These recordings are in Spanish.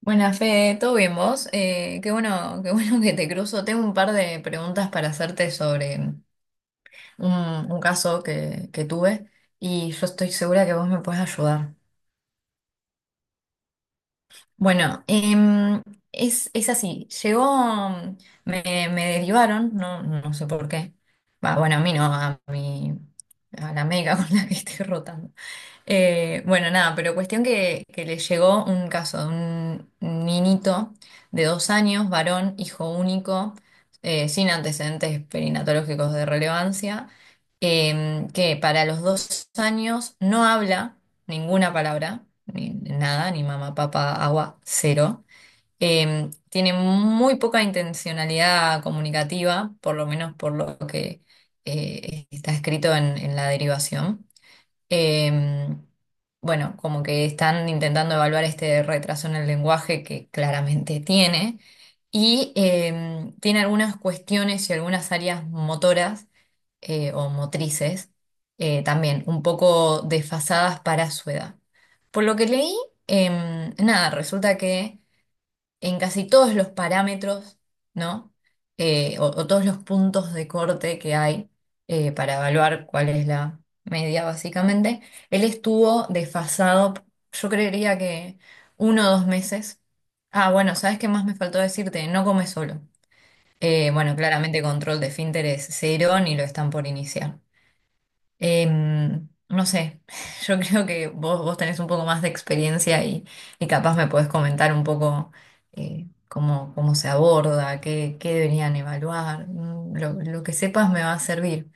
Buenas, Fede, ¿todo bien vos? Qué bueno, qué bueno que te cruzo. Tengo un par de preguntas para hacerte sobre un caso que tuve y yo estoy segura que vos me podés ayudar. Bueno, es así, llegó, me, me derivaron, no sé por qué. Va, bueno, a mí no, a mi, a la médica con la que estoy rotando. Bueno, nada, pero cuestión que le llegó un caso de un niñito de 2 años, varón, hijo único, sin antecedentes perinatológicos de relevancia, que para los 2 años no habla ninguna palabra, ni nada, ni mamá, papá, agua, cero. Tiene muy poca intencionalidad comunicativa, por lo menos por lo que está escrito en la derivación. Em, bueno, como que están intentando evaluar este retraso en el lenguaje que claramente tiene y tiene algunas cuestiones y algunas áreas motoras o motrices también un poco desfasadas para su edad. Por lo que leí, nada, resulta que en casi todos los parámetros, ¿no? O todos los puntos de corte que hay para evaluar cuál es la media, básicamente, él estuvo desfasado, yo creería que uno o dos meses. Ah, bueno, ¿sabes qué más me faltó decirte? No come solo. Bueno, claramente control de esfínteres cero, ni lo están por iniciar. Em, no sé, yo creo que vos tenés un poco más de experiencia y capaz me podés comentar un poco cómo se aborda, qué deberían evaluar. Lo que sepas me va a servir.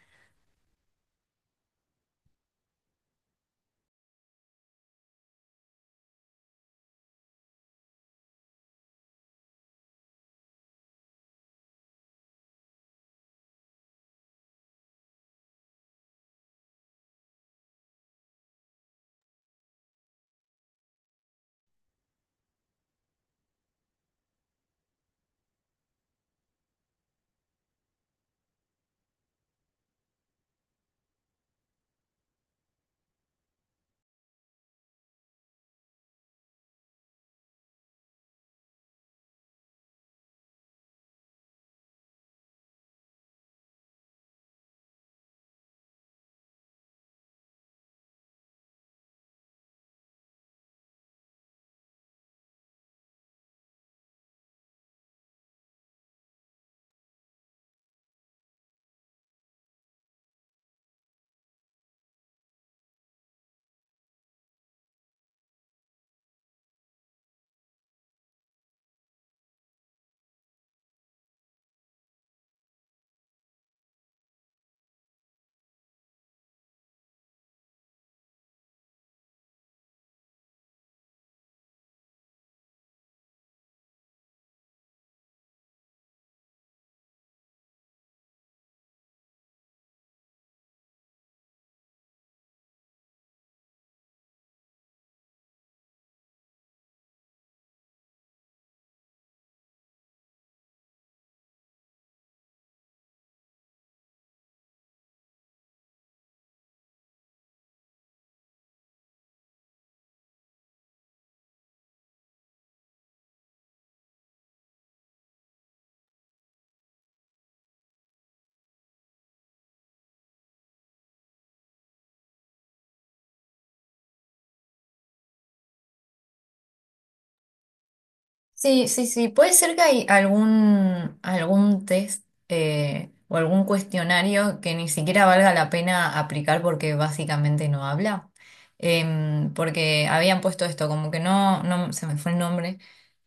Sí, sí, sí. Puede ser que hay algún test o algún cuestionario que ni siquiera valga la pena aplicar porque básicamente no habla. Em, porque habían puesto esto, como que no, no, se me fue el nombre,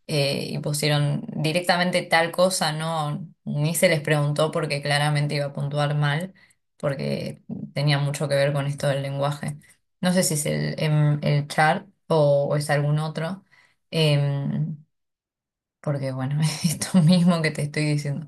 y pusieron directamente tal cosa, no, ni se les preguntó porque claramente iba a puntuar mal, porque tenía mucho que ver con esto del lenguaje. No sé si es el char o es algún otro. Em, porque bueno, es esto mismo que te estoy diciendo.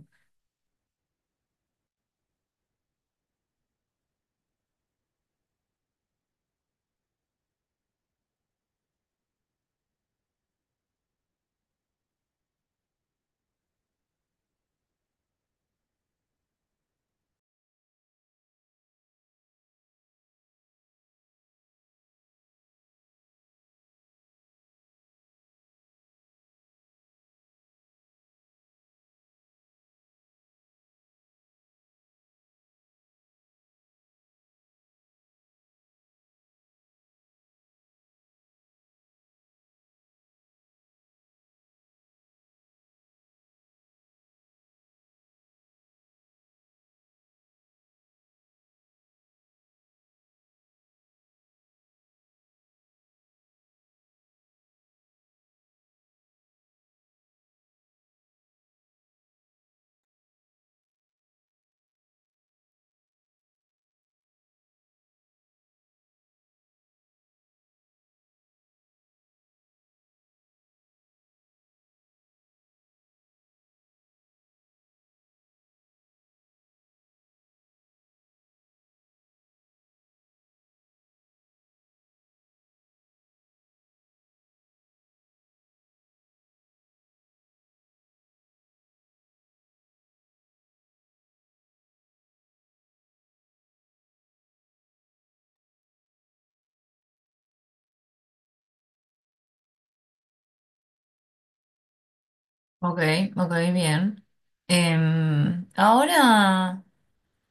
Ok, ok, bien. Em, ahora,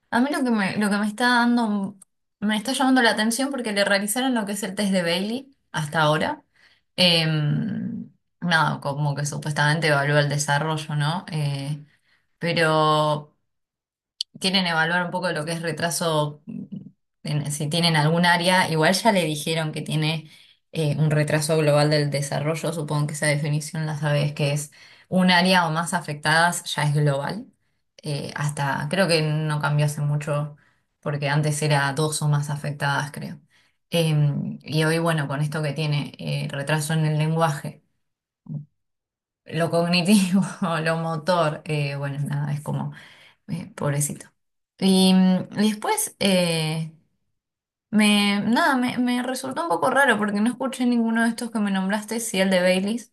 a mí lo que lo que me está dando, me está llamando la atención porque le realizaron lo que es el test de Bailey hasta ahora. Em, nada, como que supuestamente evalúa el desarrollo, ¿no? Pero quieren evaluar un poco lo que es retraso, mm, en- si tienen algún área, igual ya le dijeron que tiene un retraso global del desarrollo, supongo que esa definición la sabes, que es un área o más afectadas ya es global. Hasta creo que no cambió hace mucho, porque antes era dos o más afectadas, creo. Em, y hoy, bueno, con esto que tiene retraso en el lenguaje, lo cognitivo, lo motor, bueno, nada, es como... pobrecito. Y mm, después, me, nada, me resultó un poco raro porque no escuché ninguno de estos que me nombraste, sí el de Baileys.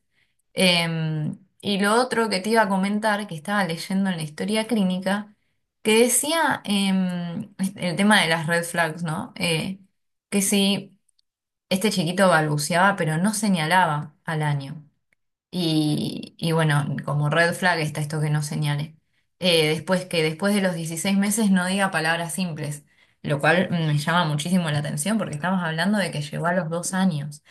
Em, y lo otro que te iba a comentar, que estaba leyendo en la historia clínica, que decía em, el tema de las red flags, ¿no? Que si este chiquito balbuceaba, pero no señalaba al año. Y bueno, como red flag está esto que no señale. Después que después de los 16 meses no diga palabras simples, lo cual me llama muchísimo la atención porque estamos hablando de que llegó a los 2 años.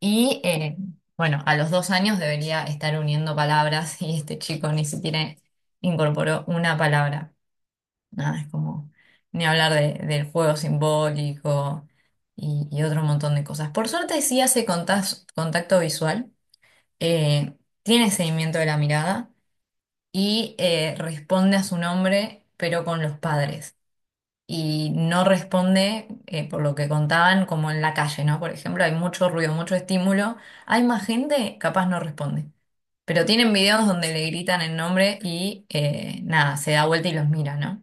Y bueno, a los dos años debería estar uniendo palabras y este chico ni siquiera incorporó una palabra. Nada, es como ni hablar de- del juego simbólico y otro montón de cosas. Por suerte sí hace contas- contacto visual eh, tiene seguimiento de la mirada y responde a su nombre, pero con los padres. Y no responde, por lo que contaban, como en la calle, ¿no? Por ejemplo, hay mucho ruido, mucho estímulo. Hay más gente, capaz no responde. Pero tienen videos donde le gritan el nombre y nada, se da vuelta y los mira, ¿no?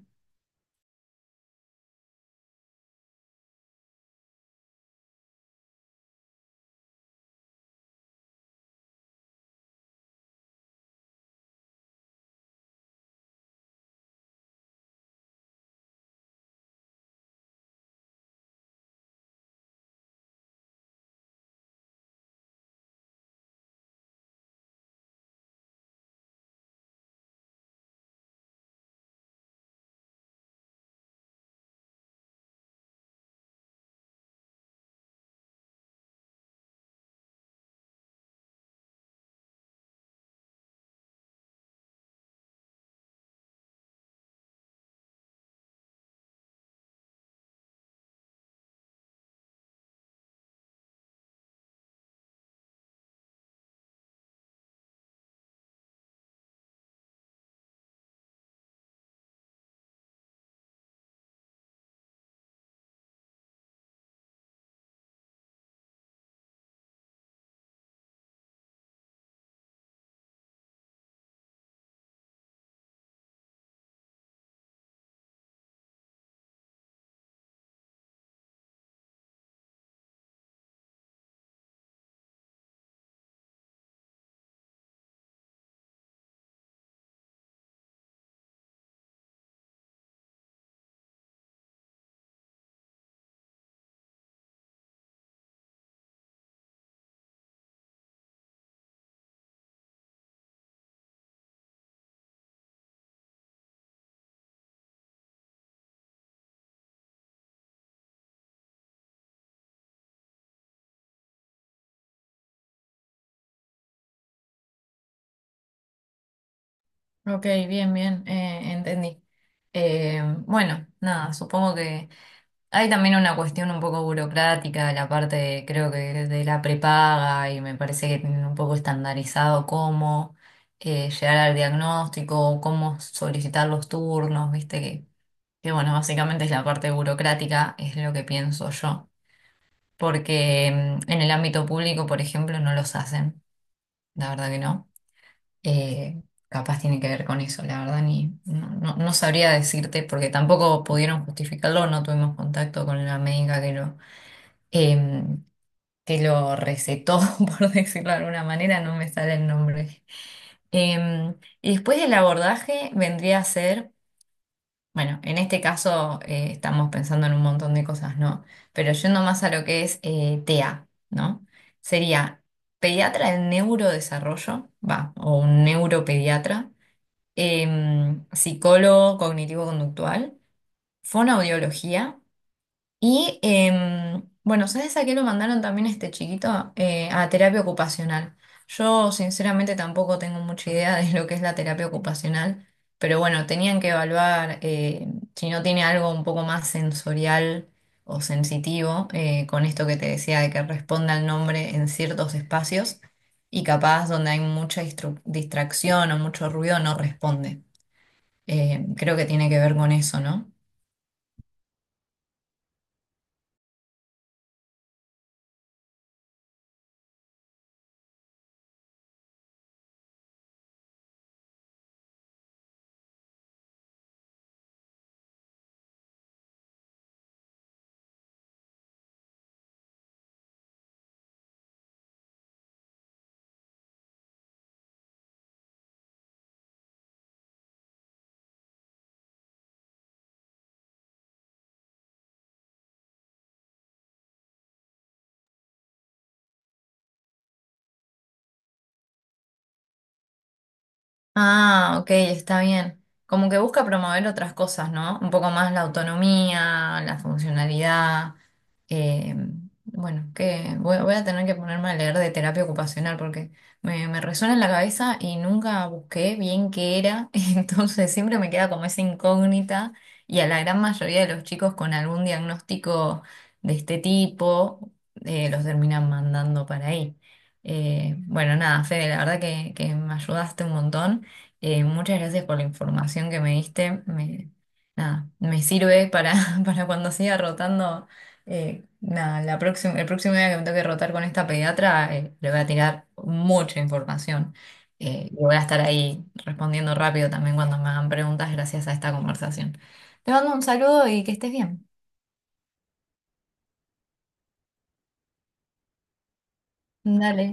Ok, bien, bien, entendí. Bueno, nada, supongo que hay también una cuestión un poco burocrática, la parte de- creo que de la prepaga y me parece que tienen un poco estandarizado cómo llegar al diagnóstico, cómo solicitar los turnos, viste que bueno, básicamente es la parte burocrática, es lo que pienso yo, porque mm, en el ámbito público, por ejemplo, no los hacen, la verdad que no. Eh, capaz tiene que ver con eso, la verdad, ni no, no no sabría decirte porque tampoco pudieron justificarlo, no tuvimos contacto con la médica que lo em, que lo recetó, por decirlo de alguna manera, no me sale el nombre. Em, y después del abordaje vendría a ser, bueno, en este caso estamos pensando en un montón de cosas, ¿no? Pero yendo más a lo que es TEA, ¿no? Sería pediatra en neurodesarrollo, va, o un neuropediatra, em, psicólogo cognitivo-conductual, fonoaudiología y em, bueno, ¿sabes a qué lo mandaron también este chiquito? A terapia ocupacional. Yo sinceramente tampoco tengo mucha idea de lo que es la terapia ocupacional, pero bueno, tenían que evaluar si no tiene algo un poco más sensorial o sensitivo con esto que te decía de que responda al nombre en ciertos espacios y capaz donde hay mucha distru- distracción o mucho ruido no responde. Creo que tiene que ver con eso, ¿no? Ah, ok, está bien. Como que busca promover otras cosas, ¿no? Un poco más la autonomía, la funcionalidad. Eh, bueno, que voy a tener que ponerme a leer de terapia ocupacional porque me resuena en la cabeza y nunca busqué bien qué era. Entonces siempre me queda como esa incógnita y a la gran mayoría de los chicos con algún diagnóstico de este tipo los terminan mandando para ahí. Bueno, nada, Fede, la verdad que me ayudaste un montón. Muchas gracias por la información que me diste. Me, nada, me sirve para, para cuando siga rotando. Eh, nada, la próxima, el próximo día que me toque rotar con esta pediatra, le voy a tirar mucha información. Y voy a estar ahí respondiendo rápido también cuando me hagan preguntas gracias a esta conversación. Te mando un saludo y que estés bien. Dale.